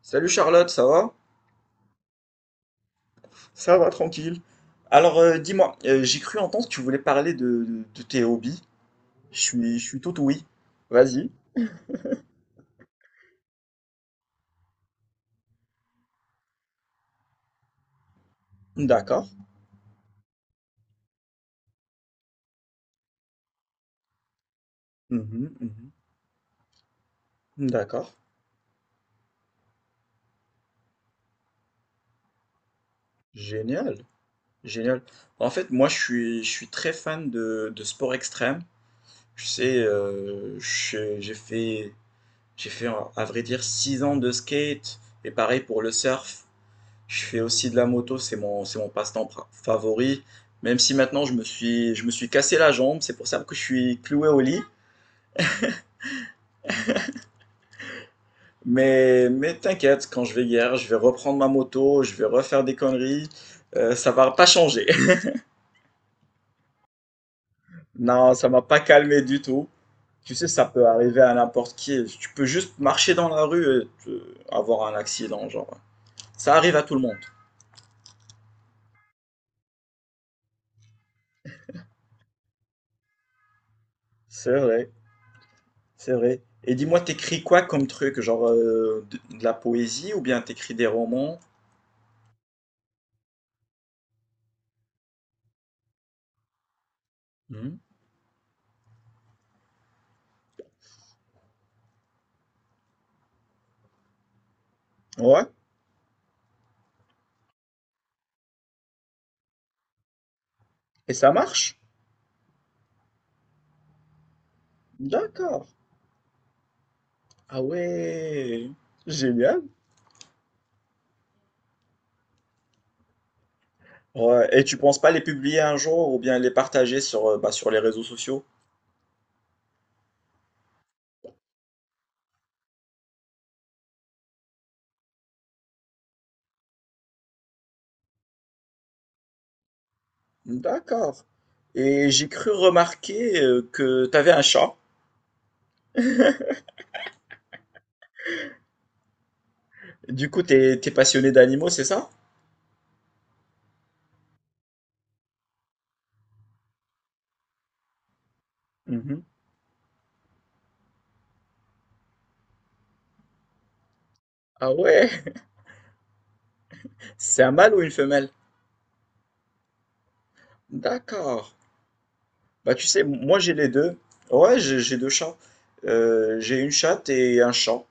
Salut Charlotte, ça va? Ça va, tranquille. Alors dis-moi, j'ai cru entendre que tu voulais parler de tes hobbies. Je suis tout oui. Vas-y. D'accord. Mhm, mhm. D'accord. Génial. Génial. En fait, moi, je suis très fan de sport extrême. Je sais, j'ai fait, à vrai dire, 6 ans de skate. Et pareil pour le surf. Je fais aussi de la moto, c'est mon favori. Même si maintenant je me suis cassé la jambe, c'est pour ça que je suis cloué au lit. Mais t'inquiète, quand je vais hier, je vais reprendre ma moto, je vais refaire des conneries. Ça va pas changer. Non, ça m'a pas calmé du tout. Tu sais, ça peut arriver à n'importe qui. Tu peux juste marcher dans la rue et avoir un accident, genre. Ça arrive à tout le monde. C'est vrai. C'est vrai. Et dis-moi, t'écris quoi comme truc? Genre de la poésie ou bien t'écris des romans? Mhm. Ouais. Et ça marche? D'accord. Ah ouais. Génial. Ouais. Et tu penses pas les publier un jour ou bien les partager sur, sur les réseaux sociaux? D'accord. Et j'ai cru remarquer que t'avais un chat. Du coup, t'es passionné d'animaux, c'est ça? Mhm. Ah ouais. C'est un mâle ou une femelle? D'accord. Bah, tu sais, moi j'ai les deux. Ouais, j'ai 2 chats. J'ai une chatte et un chat.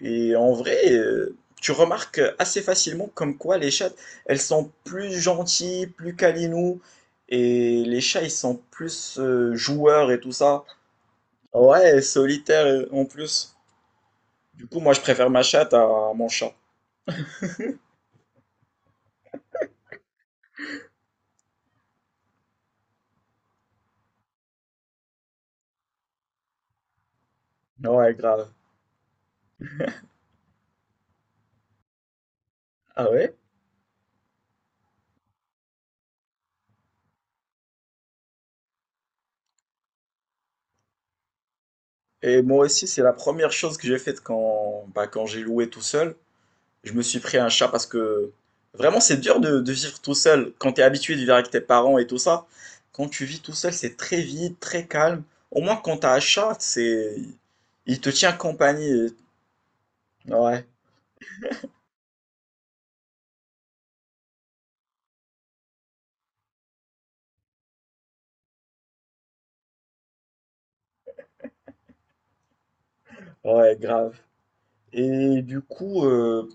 Et en vrai, tu remarques assez facilement comme quoi les chattes, elles sont plus gentilles, plus câlinous. Et les chats, ils sont plus joueurs et tout ça. Ouais, solitaires en plus. Du coup, moi je préfère ma chatte à mon chat. Ouais, grave. Ah ouais? Et moi aussi, c'est la première chose que j'ai faite quand, bah, quand j'ai loué tout seul. Je me suis pris un chat parce que vraiment, c'est dur de vivre tout seul. Quand tu es habitué de vivre avec tes parents et tout ça, quand tu vis tout seul, c'est très vide, très calme. Au moins, quand tu as un chat, c'est... il te tient compagnie. Ouais, ouais, grave. Et du coup,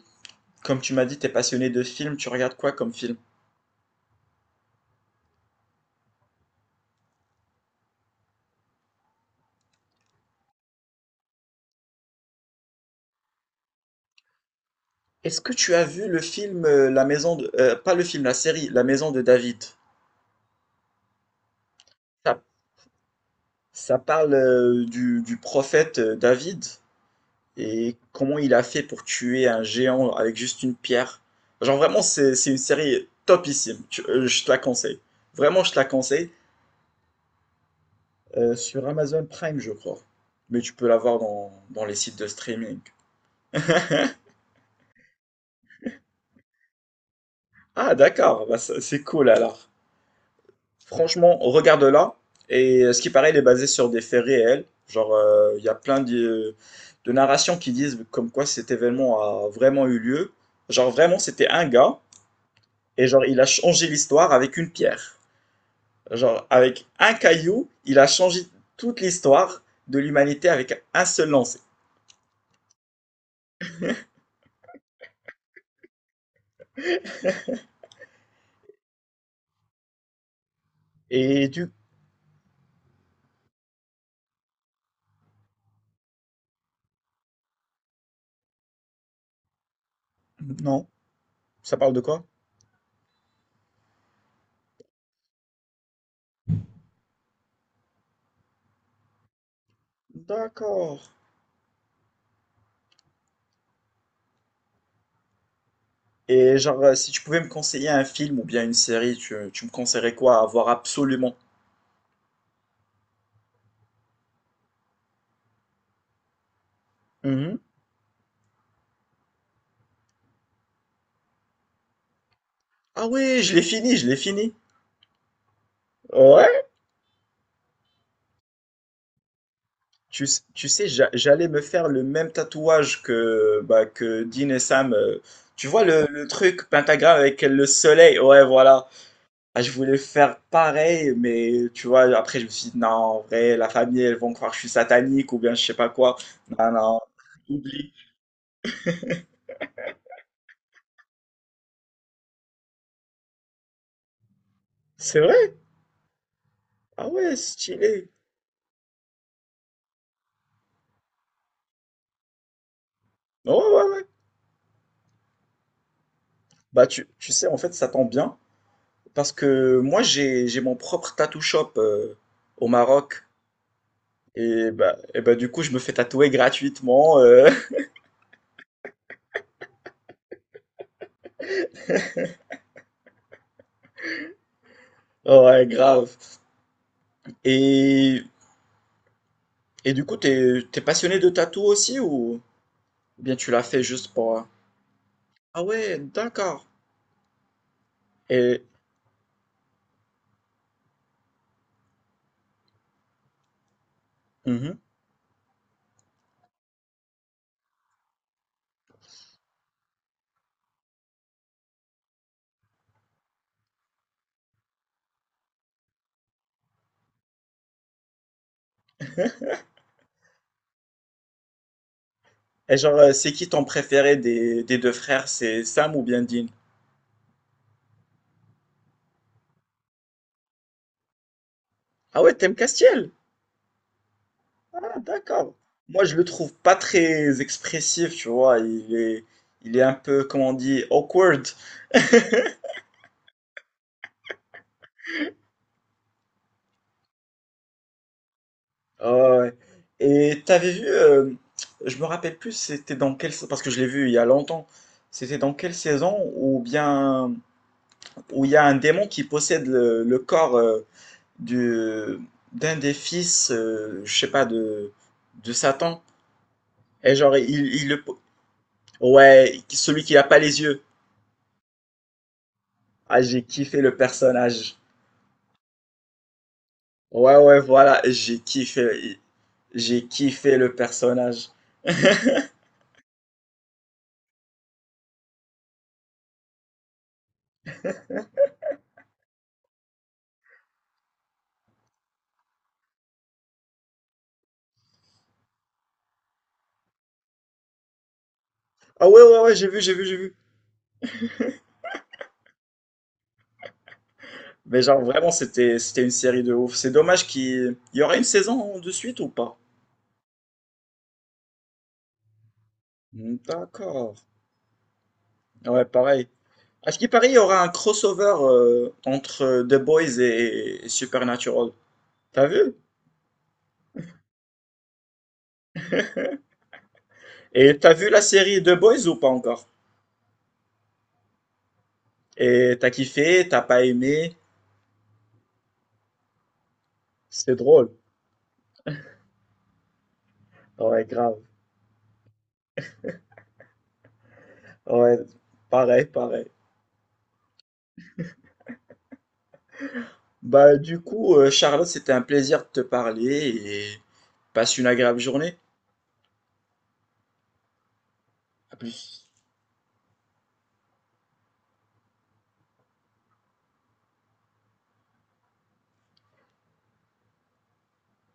comme tu m'as dit, tu es passionné de films, tu regardes quoi comme film? Est-ce que tu as vu le film La Maison de... pas le film, la série La Maison de David? Ça, ça parle du prophète David. Et comment il a fait pour tuer un géant avec juste une pierre? Genre vraiment, c'est une série topissime. Je te la conseille. Vraiment, je te la conseille. Sur Amazon Prime, je crois. Mais tu peux la voir dans les sites de streaming. Ah, d'accord. C'est cool alors. Franchement, regarde-la. Et ce qui paraît, elle est basée sur des faits réels. Genre, il y a plein de narrations qui disent comme quoi cet événement a vraiment eu lieu. Genre, vraiment, c'était un gars. Et genre, il a changé l'histoire avec une pierre. Genre, avec un caillou, il a changé toute l'histoire de l'humanité avec un seul lancer. Et du... Non, ça parle de quoi? D'accord. Et genre, si tu pouvais me conseiller un film ou bien une série, tu me conseillerais quoi à voir absolument? Mhm. Ah ouais, je l'ai fini, je l'ai fini. Ouais. Tu sais, j'allais me faire le même tatouage que, bah, que Dean et Sam. Tu vois le truc pentagramme avec le soleil? Ouais, voilà. Ah, je voulais faire pareil, mais tu vois, après, je me suis dit, non, en vrai, la famille, elles vont croire que je suis satanique ou bien je sais pas quoi. Non, non, Oublie. C'est vrai? Ah ouais, stylé. Ouais, ouais, ouais. Bah, tu sais, en fait, ça tombe bien parce que moi, j'ai mon propre tattoo shop au Maroc. Et bah, du coup, je me fais tatouer gratuitement. Ouais, grave. Et, et du coup, t'es passionné de tatou aussi ou bien tu l'as fait juste pour. Ah ouais, d'accord. Et, Mhm. Et genre, c'est qui ton préféré des deux frères? C'est Sam ou bien Dean? Ah ouais, t'aimes Castiel? Ah d'accord. Moi, je le trouve pas très expressif, tu vois. Il est un peu, comment on dit, awkward. Ah ouais. Et t'avais vu, je me rappelle plus, c'était dans quelle, parce que je l'ai vu il y a longtemps. C'était dans quelle saison ou bien où il y a un démon qui possède le corps du d'un des fils, je sais pas de Satan. Et genre, il le. Ouais, celui qui a pas les yeux. Ah, j'ai kiffé le personnage. Ouais, ouais, voilà, j'ai kiffé. J'ai kiffé le personnage. Ah, ouais, ouais, ouais, j'ai vu. Mais genre, vraiment, c'était une série de ouf. C'est dommage qu'il y aurait une saison de suite ou pas? Hmm, d'accord. Ouais, pareil. À ce qui paraît, il y aura un crossover entre The Boys et Supernatural. T'as vu? Et t'as vu la série The Boys ou pas encore? Et t'as kiffé, t'as pas aimé? C'est drôle. Ouais, grave. Ouais, pareil, pareil. Bah, du coup, Charlotte, c'était un plaisir de te parler et passe une agréable journée. À plus.